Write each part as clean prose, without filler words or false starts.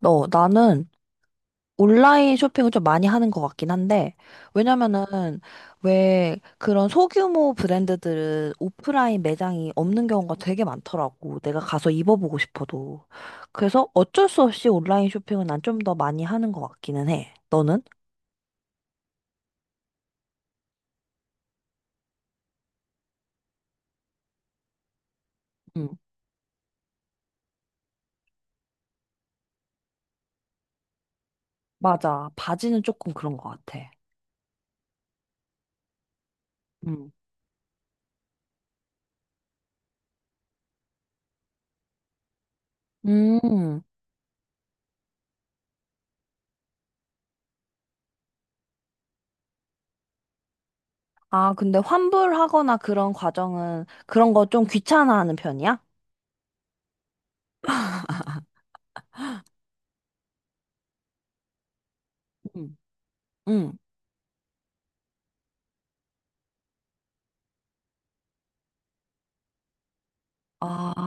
너, 나는 온라인 쇼핑을 좀 많이 하는 것 같긴 한데, 왜냐면은, 왜 그런 소규모 브랜드들은 오프라인 매장이 없는 경우가 되게 많더라고. 내가 가서 입어보고 싶어도. 그래서 어쩔 수 없이 온라인 쇼핑은 난 좀 더 많이 하는 것 같기는 해. 너는? 응, 맞아. 바지는 조금 그런 것 같아. 응. 음. 아, 근데 환불하거나 그런 과정은 그런 거 좀 귀찮아하는 편이야? 응. 응. 아,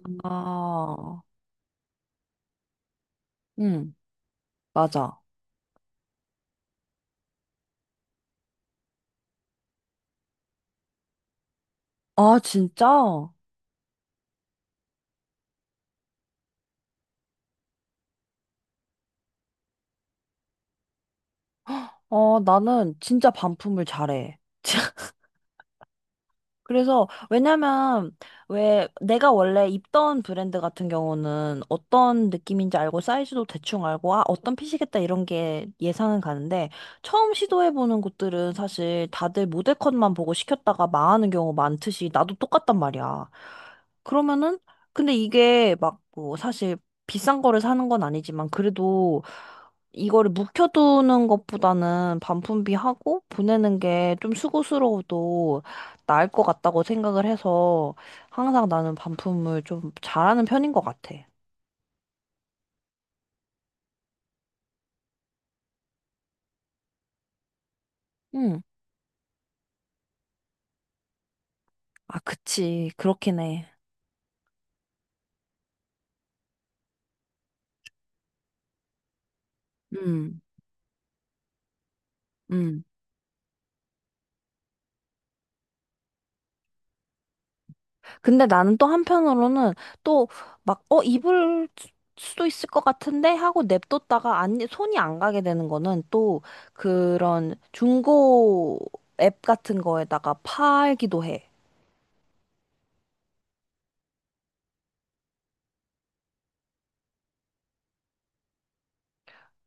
응, 맞아. 아, 진짜? 어, 나는 진짜 반품을 잘해. 그래서 왜냐면 왜 내가 원래 입던 브랜드 같은 경우는 어떤 느낌인지 알고 사이즈도 대충 알고 아 어떤 핏이겠다 이런 게 예상은 가는데 처음 시도해보는 곳들은 사실 다들 모델 컷만 보고 시켰다가 망하는 경우 많듯이 나도 똑같단 말이야. 그러면은 근데 이게 막 뭐 사실 비싼 거를 사는 건 아니지만 그래도 이거를 묵혀두는 것보다는 반품비 하고 보내는 게 좀 수고스러워도 나을 것 같다고 생각을 해서 항상 나는 반품을 좀 잘하는 편인 것 같아. 응. 아, 그치. 그렇긴 해. 음, 음. 근데 나는 또 한편으로는 또 막, 입을 수- 수도 있을 것 같은데 하고 냅뒀다가 안, 손이 안 가게 되는 거는 또 그런 중고 앱 같은 거에다가 팔기도 해.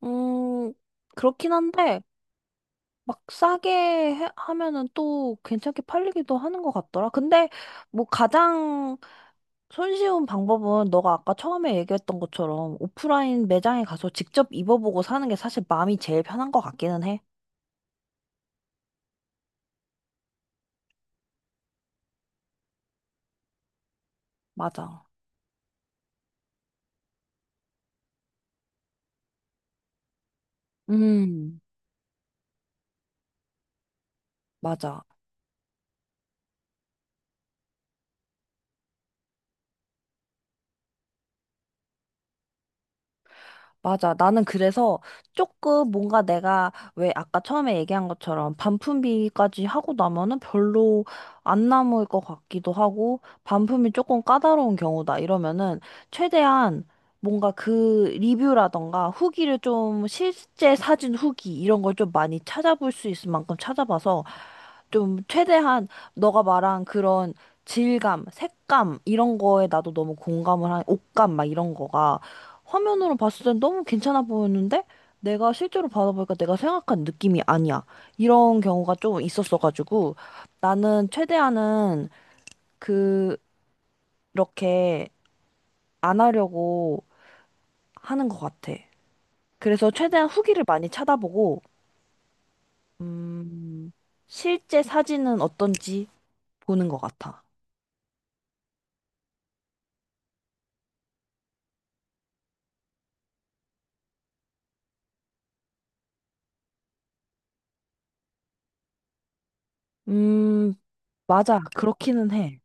음, 그렇긴 한데 막 싸게 해- 하면은 또 괜찮게 팔리기도 하는 것 같더라. 근데 뭐 가장 손쉬운 방법은 너가 아까 처음에 얘기했던 것처럼 오프라인 매장에 가서 직접 입어보고 사는 게 사실 마음이 제일 편한 것 같기는 해. 맞아. 음. 맞아. 맞아. 나는 그래서 조금 뭔가 내가 왜 아까 처음에 얘기한 것처럼 반품비까지 하고 나면은 별로 안 남을 것 같기도 하고 반품이 조금 까다로운 경우다 이러면은 최대한 뭔가 그 리뷰라던가 후기를 좀 실제 사진 후기 이런 걸 좀 많이 찾아볼 수 있을 만큼 찾아봐서 좀 최대한 너가 말한 그런 질감, 색감 이런 거에 나도 너무 공감을 한 옷감 막 이런 거가 화면으로 봤을 땐 너무 괜찮아 보였는데 내가 실제로 받아보니까 내가 생각한 느낌이 아니야. 이런 경우가 좀 있었어가지고 나는 최대한은 그렇게 안 하려고 하는 것 같아. 그래서 최대한 후기를 많이 찾아보고 음, 실제 사진은 어떤지 보는 것 같아. 음, 맞아. 그렇기는 해.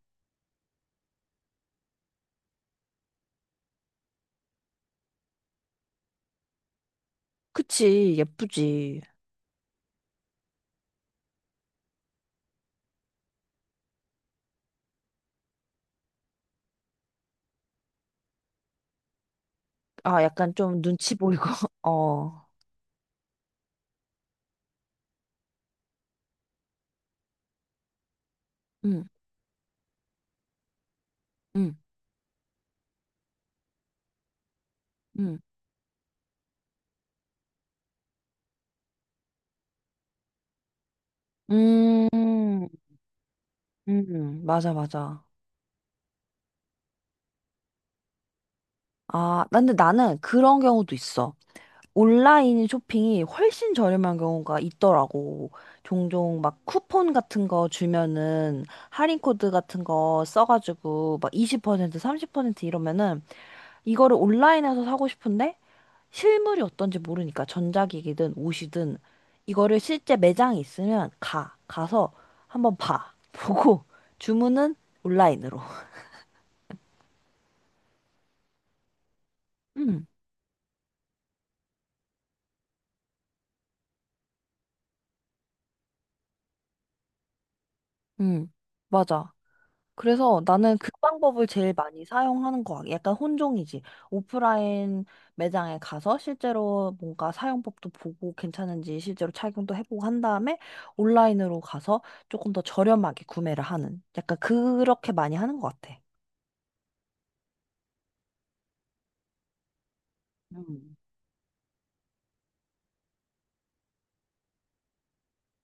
그치. 예쁘지. 아, 약간 좀 눈치 보이고. 어. 응, 응, 응. 음, 맞아, 맞아. 아, 근데 나는 그런 경우도 있어. 온라인 쇼핑이 훨씬 저렴한 경우가 있더라고. 종종 막 쿠폰 같은 거 주면은 할인 코드 같은 거 써가지고 막 20%, 30% 이러면은 이거를 온라인에서 사고 싶은데 실물이 어떤지 모르니까 전자기기든 옷이든 이거를 실제 매장이 있으면 가 가서 한번 봐 보고 주문은 온라인으로. 음, 음, 맞아. 그래서 나는 그 방법을 제일 많이 사용하는 거 같아. 약간 혼종이지. 오프라인 매장에 가서 실제로 뭔가 사용법도 보고 괜찮은지 실제로 착용도 해보고 한 다음에 온라인으로 가서 조금 더 저렴하게 구매를 하는. 약간 그렇게 많이 하는 것 같아. 음.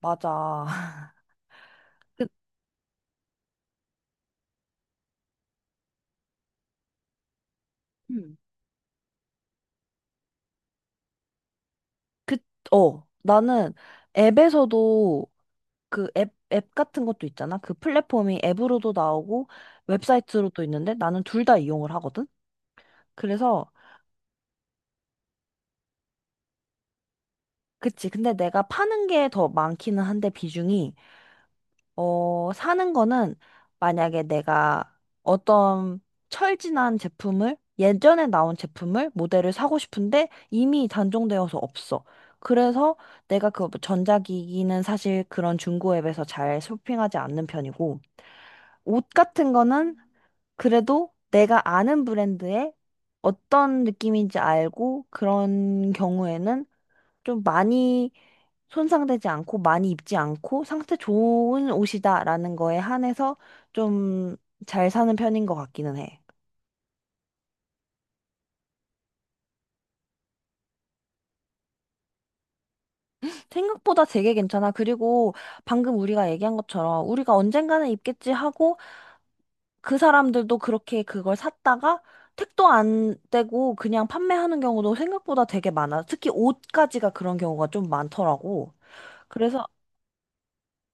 맞아. 그, 음. 그, 나는 앱에서도 그 앱 같은 것도 있잖아. 그 플랫폼이 앱으로도 나오고 웹사이트로도 있는데 나는 둘 다 이용을 하거든. 그래서, 그치. 근데 내가 파는 게 더 많기는 한데 비중이 사는 거는 만약에 내가 어떤 철진한 제품을 예전에 나온 제품을 모델을 사고 싶은데 이미 단종되어서 없어. 그래서 내가 그 전자기기는 사실 그런 중고 앱에서 잘 쇼핑하지 않는 편이고 옷 같은 거는 그래도 내가 아는 브랜드의 어떤 느낌인지 알고 그런 경우에는 좀 많이 손상되지 않고 많이 입지 않고 상태 좋은 옷이다라는 거에 한해서 좀 잘 사는 편인 것 같기는 해. 생각보다 되게 괜찮아. 그리고 방금 우리가 얘기한 것처럼 우리가 언젠가는 입겠지 하고 그 사람들도 그렇게 그걸 샀다가 택도 안 떼고 그냥 판매하는 경우도 생각보다 되게 많아. 특히 옷까지가 그런 경우가 좀 많더라고. 그래서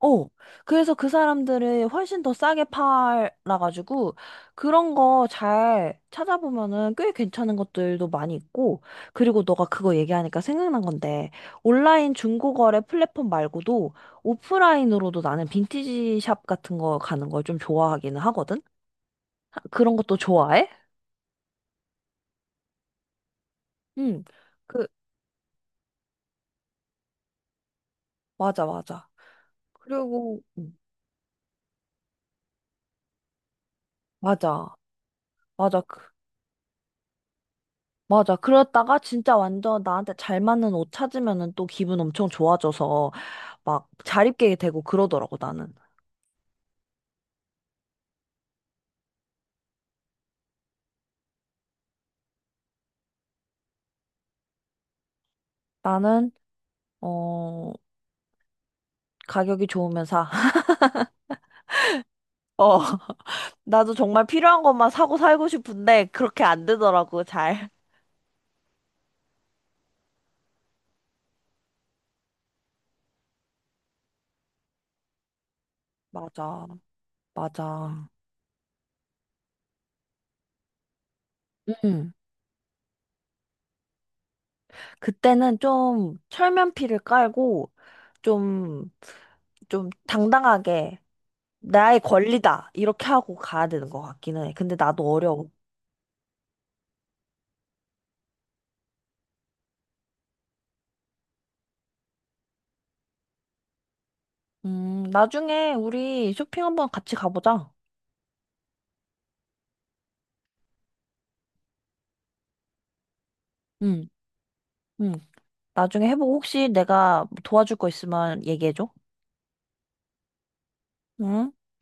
어, 그래서 그 사람들을 훨씬 더 싸게 팔아가지고, 그런 거 잘 찾아보면은 꽤 괜찮은 것들도 많이 있고, 그리고 너가 그거 얘기하니까 생각난 건데, 온라인 중고거래 플랫폼 말고도 오프라인으로도 나는 빈티지 샵 같은 거 가는 걸 좀 좋아하기는 하거든? 아, 그런 것도 좋아해? 응, 그, 맞아, 맞아. 그리고, 맞아, 맞아. 그 맞아. 그러다가 진짜 완전 나한테 잘 맞는 옷 찾으면은 또 기분 엄청 좋아져서 막 자립게 되고 그러더라고, 나는. 나는, 어, 가격이 좋으면 사. 어, 나도 정말 필요한 것만 사고 살고 싶은데 그렇게 안 되더라고, 잘. 맞아. 맞아. 음. 그때는 좀 철면피를 깔고 좀, 좀 당당하게 나의 권리다. 이렇게 하고 가야 되는 것 같기는 해. 근데 나도 어려워. 나중에 우리 쇼핑 한번 같이 가보자. 응, 응. 나중에 해보고 혹시 내가 뭐 도와줄 거 있으면 얘기해줘. 응?